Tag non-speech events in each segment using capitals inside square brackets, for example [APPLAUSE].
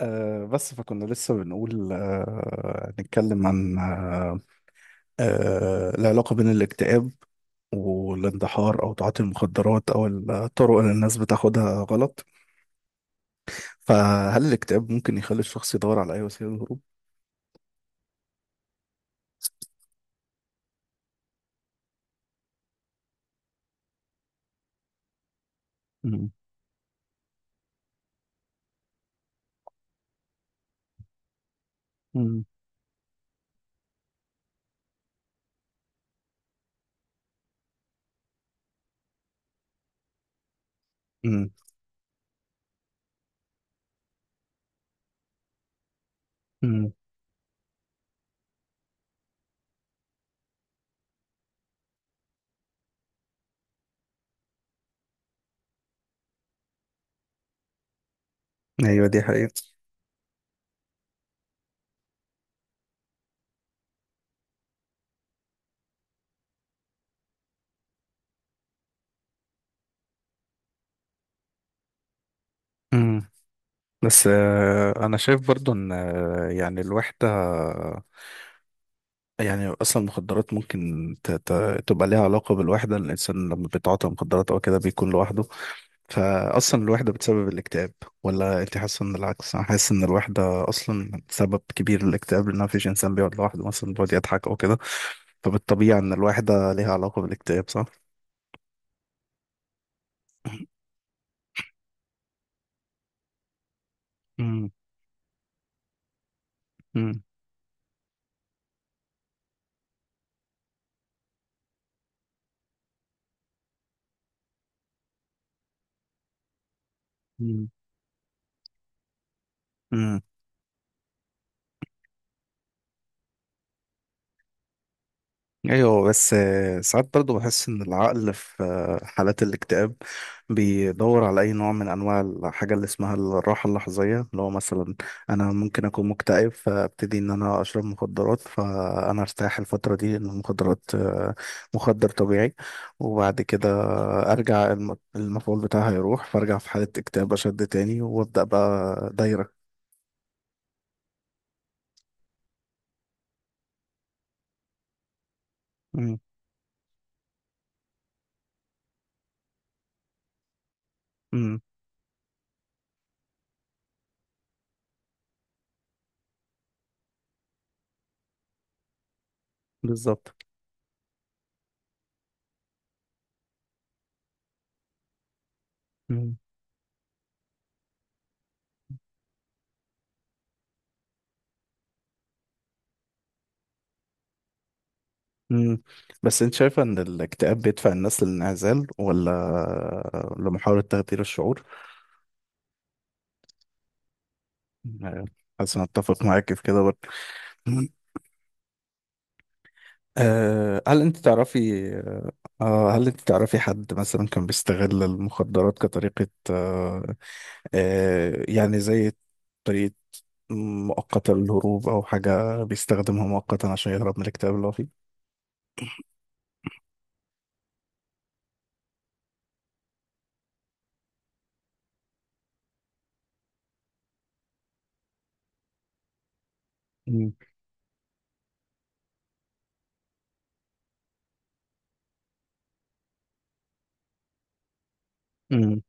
بس فكنا لسه بنقول نتكلم عن العلاقة بين الاكتئاب والاندحار أو تعاطي المخدرات أو الطرق اللي الناس بتاخدها غلط. فهل الاكتئاب ممكن يخلي الشخص يدور على أي وسيلة للهروب؟ مم. مم. مم. مم. أيوة دي حقيقة. مم. بس أنا شايف برضو إن الوحدة، يعني اصلا المخدرات ممكن تبقى ليها علاقه بالوحده. الانسان لما بيتعاطى مخدرات او كده بيكون لوحده، فاصلا الوحده بتسبب الاكتئاب، ولا انت حاسه ان العكس؟ انا حاسس ان الوحده اصلا سبب كبير للاكتئاب، لان مفيش انسان بيقعد لوحده مثلا بيقعد يضحك او كده. فبالطبيعه ان الوحده ليها علاقه بالاكتئاب، صح؟ امم امم امم ايوه. بس ساعات برضو بحس ان العقل في حالات الاكتئاب بيدور على اي نوع من انواع الحاجه اللي اسمها الراحه اللحظيه، اللي هو مثلا انا ممكن اكون مكتئب فابتدي ان انا اشرب مخدرات، فانا ارتاح الفتره دي. ان المخدرات مخدر طبيعي، وبعد كده ارجع المفعول بتاعها يروح فارجع في حاله اكتئاب اشد تاني، وابدا بقى دايره. امم. بالظبط. مم. بس انت شايفة ان الاكتئاب بيدفع الناس للانعزال، ولا لمحاولة تغيير الشعور؟ آه، حاسس انا اتفق معاك في كده برضه. مم. هل انت تعرفي هل انت تعرفي حد مثلا كان بيستغل المخدرات كطريقة يعني زي طريقة مؤقتة للهروب، او حاجة بيستخدمها مؤقتا عشان يهرب من الاكتئاب اللي هو فيه؟ مم. مم.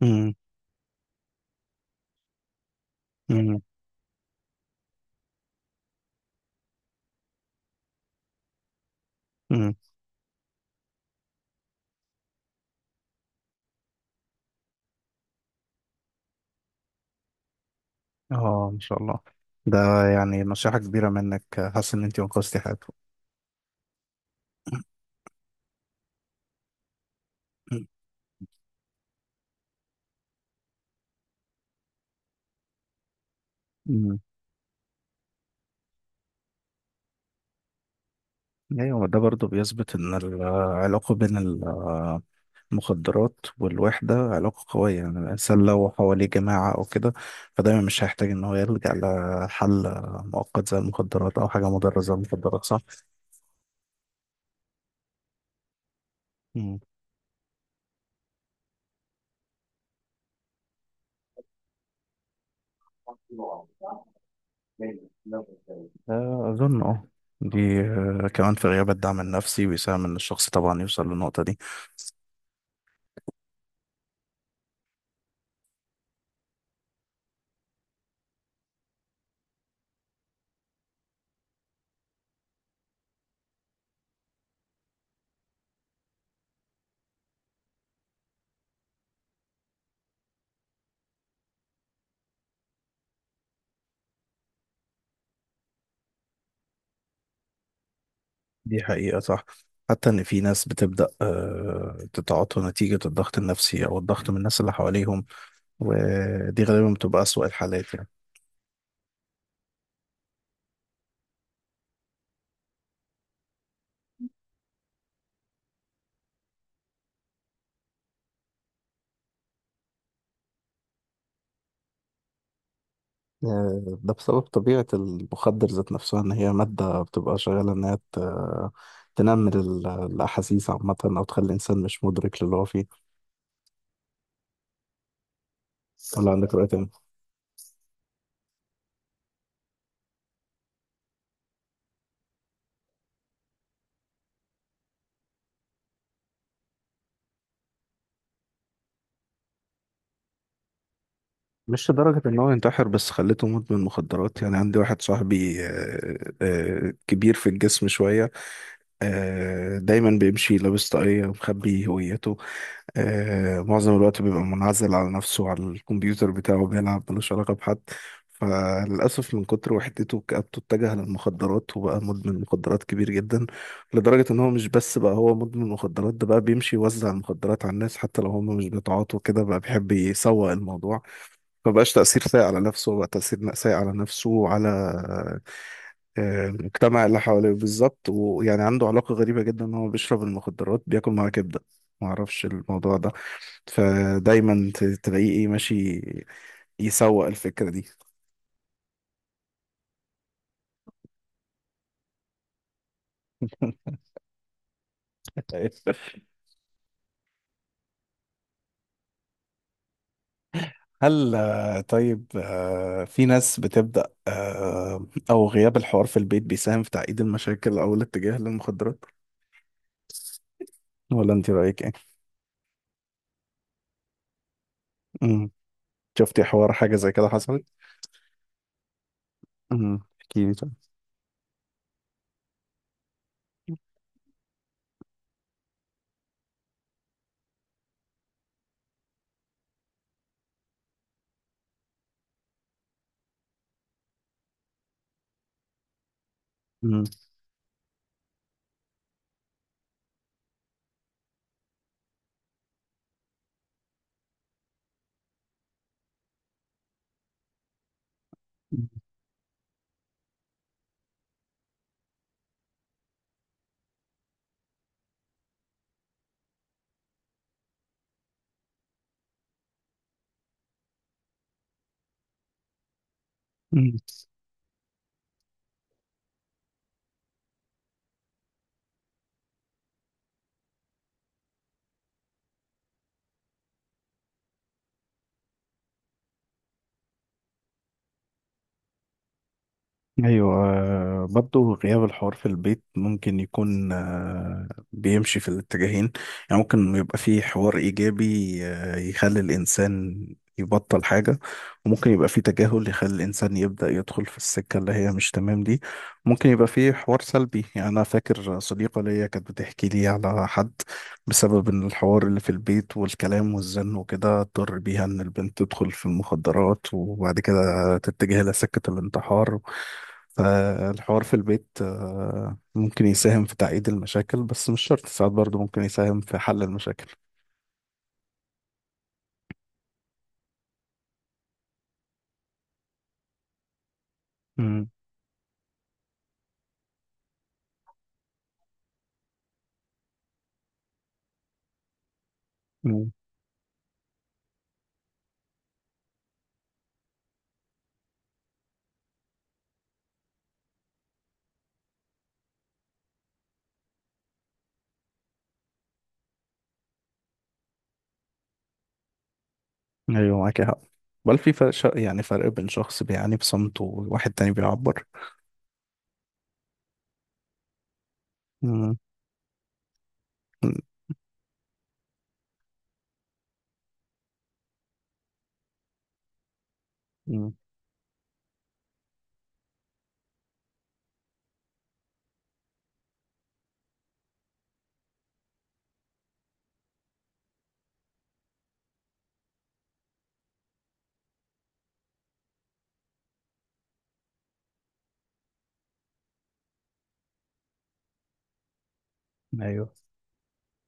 مم. مم. مم. اه ان شاء الله. ده يعني نصيحة كبيرة منك. حاسس ان انت انقذتي حياته. أمم. ايوه ده برضو بيثبت ان العلاقة بين المخدرات والوحدة علاقة قوية. يعني الانسان لو حواليه جماعة او كده فدايما مش هيحتاج ان هو يلجأ لحل مؤقت زي المخدرات، او حاجة مضرة زي المخدرات، صح؟ أمم. أظن أه دي كمان في غياب الدعم النفسي بيساهم إن الشخص طبعا يوصل للنقطة دي. دي حقيقة، صح. حتى إن في ناس بتبدأ تتعاطى نتيجة الضغط النفسي أو الضغط من الناس اللي حواليهم، ودي غالبا بتبقى أسوأ الحالات يعني. ده بسبب طبيعة المخدر ذات نفسها، إن هي مادة بتبقى شغالة إن هي تنمل الأحاسيس عامة، أو تخلي الإنسان مش مدرك للي هو فيه. ولا عندك رأي تاني؟ مش لدرجة إن هو ينتحر، بس خليته مدمن مخدرات. يعني عندي واحد صاحبي كبير في الجسم شوية، دايما بيمشي لابس طاقية ومخبي هويته. معظم الوقت بيبقى منعزل على نفسه على الكمبيوتر بتاعه بيلعب، ملوش علاقة بحد. فللأسف من كتر وحدته وكآبته اتجه للمخدرات، وبقى مدمن مخدرات كبير جدا. لدرجة إن هو مش بس بقى هو مدمن مخدرات، ده بقى بيمشي يوزع المخدرات على الناس حتى لو هم مش بيتعاطوا كده، بقى بيحب يسوق الموضوع. ما بقاش تأثير سيء على نفسه هو، بقى تأثير سيء على نفسه وعلى المجتمع اللي حواليه بالظبط. ويعني عنده علاقة غريبة جدا ان هو بيشرب المخدرات بياكل معاها كبدة، ما اعرفش الموضوع ده. فدايما تلاقيه ايه ماشي يسوق الفكرة دي. [LAUGHS] هل في ناس بتبدأ او غياب الحوار في البيت بيساهم في تعقيد المشاكل او الاتجاه للمخدرات، ولا انت رأيك ايه؟ مم. شفتي حوار حاجة زي كده حصلت؟ امم، احكي لي طيب. امم. أمم. ايوه، برضه غياب الحوار في البيت ممكن يكون بيمشي في الاتجاهين. يعني ممكن يبقى فيه حوار ايجابي يخلي الانسان يبطل حاجة، وممكن يبقى فيه تجاهل يخلي الانسان يبدأ يدخل في السكة اللي هي مش تمام دي. ممكن يبقى فيه حوار سلبي، يعني انا فاكر صديقة ليا كانت بتحكي لي على حد بسبب ان الحوار اللي في البيت والكلام والزن وكده اضطر بيها ان البنت تدخل في المخدرات، وبعد كده تتجه لسكة الانتحار. فالحوار في البيت ممكن يساهم في تعقيد المشاكل، بس مش شرط، ساعات برضه ممكن يساهم في حل المشاكل. امم. أمم. ايوه معاك حق. بل في فرق يعني فرق بين شخص بيعاني بصمت وواحد تاني بيعبر. امم. أمم. ايوه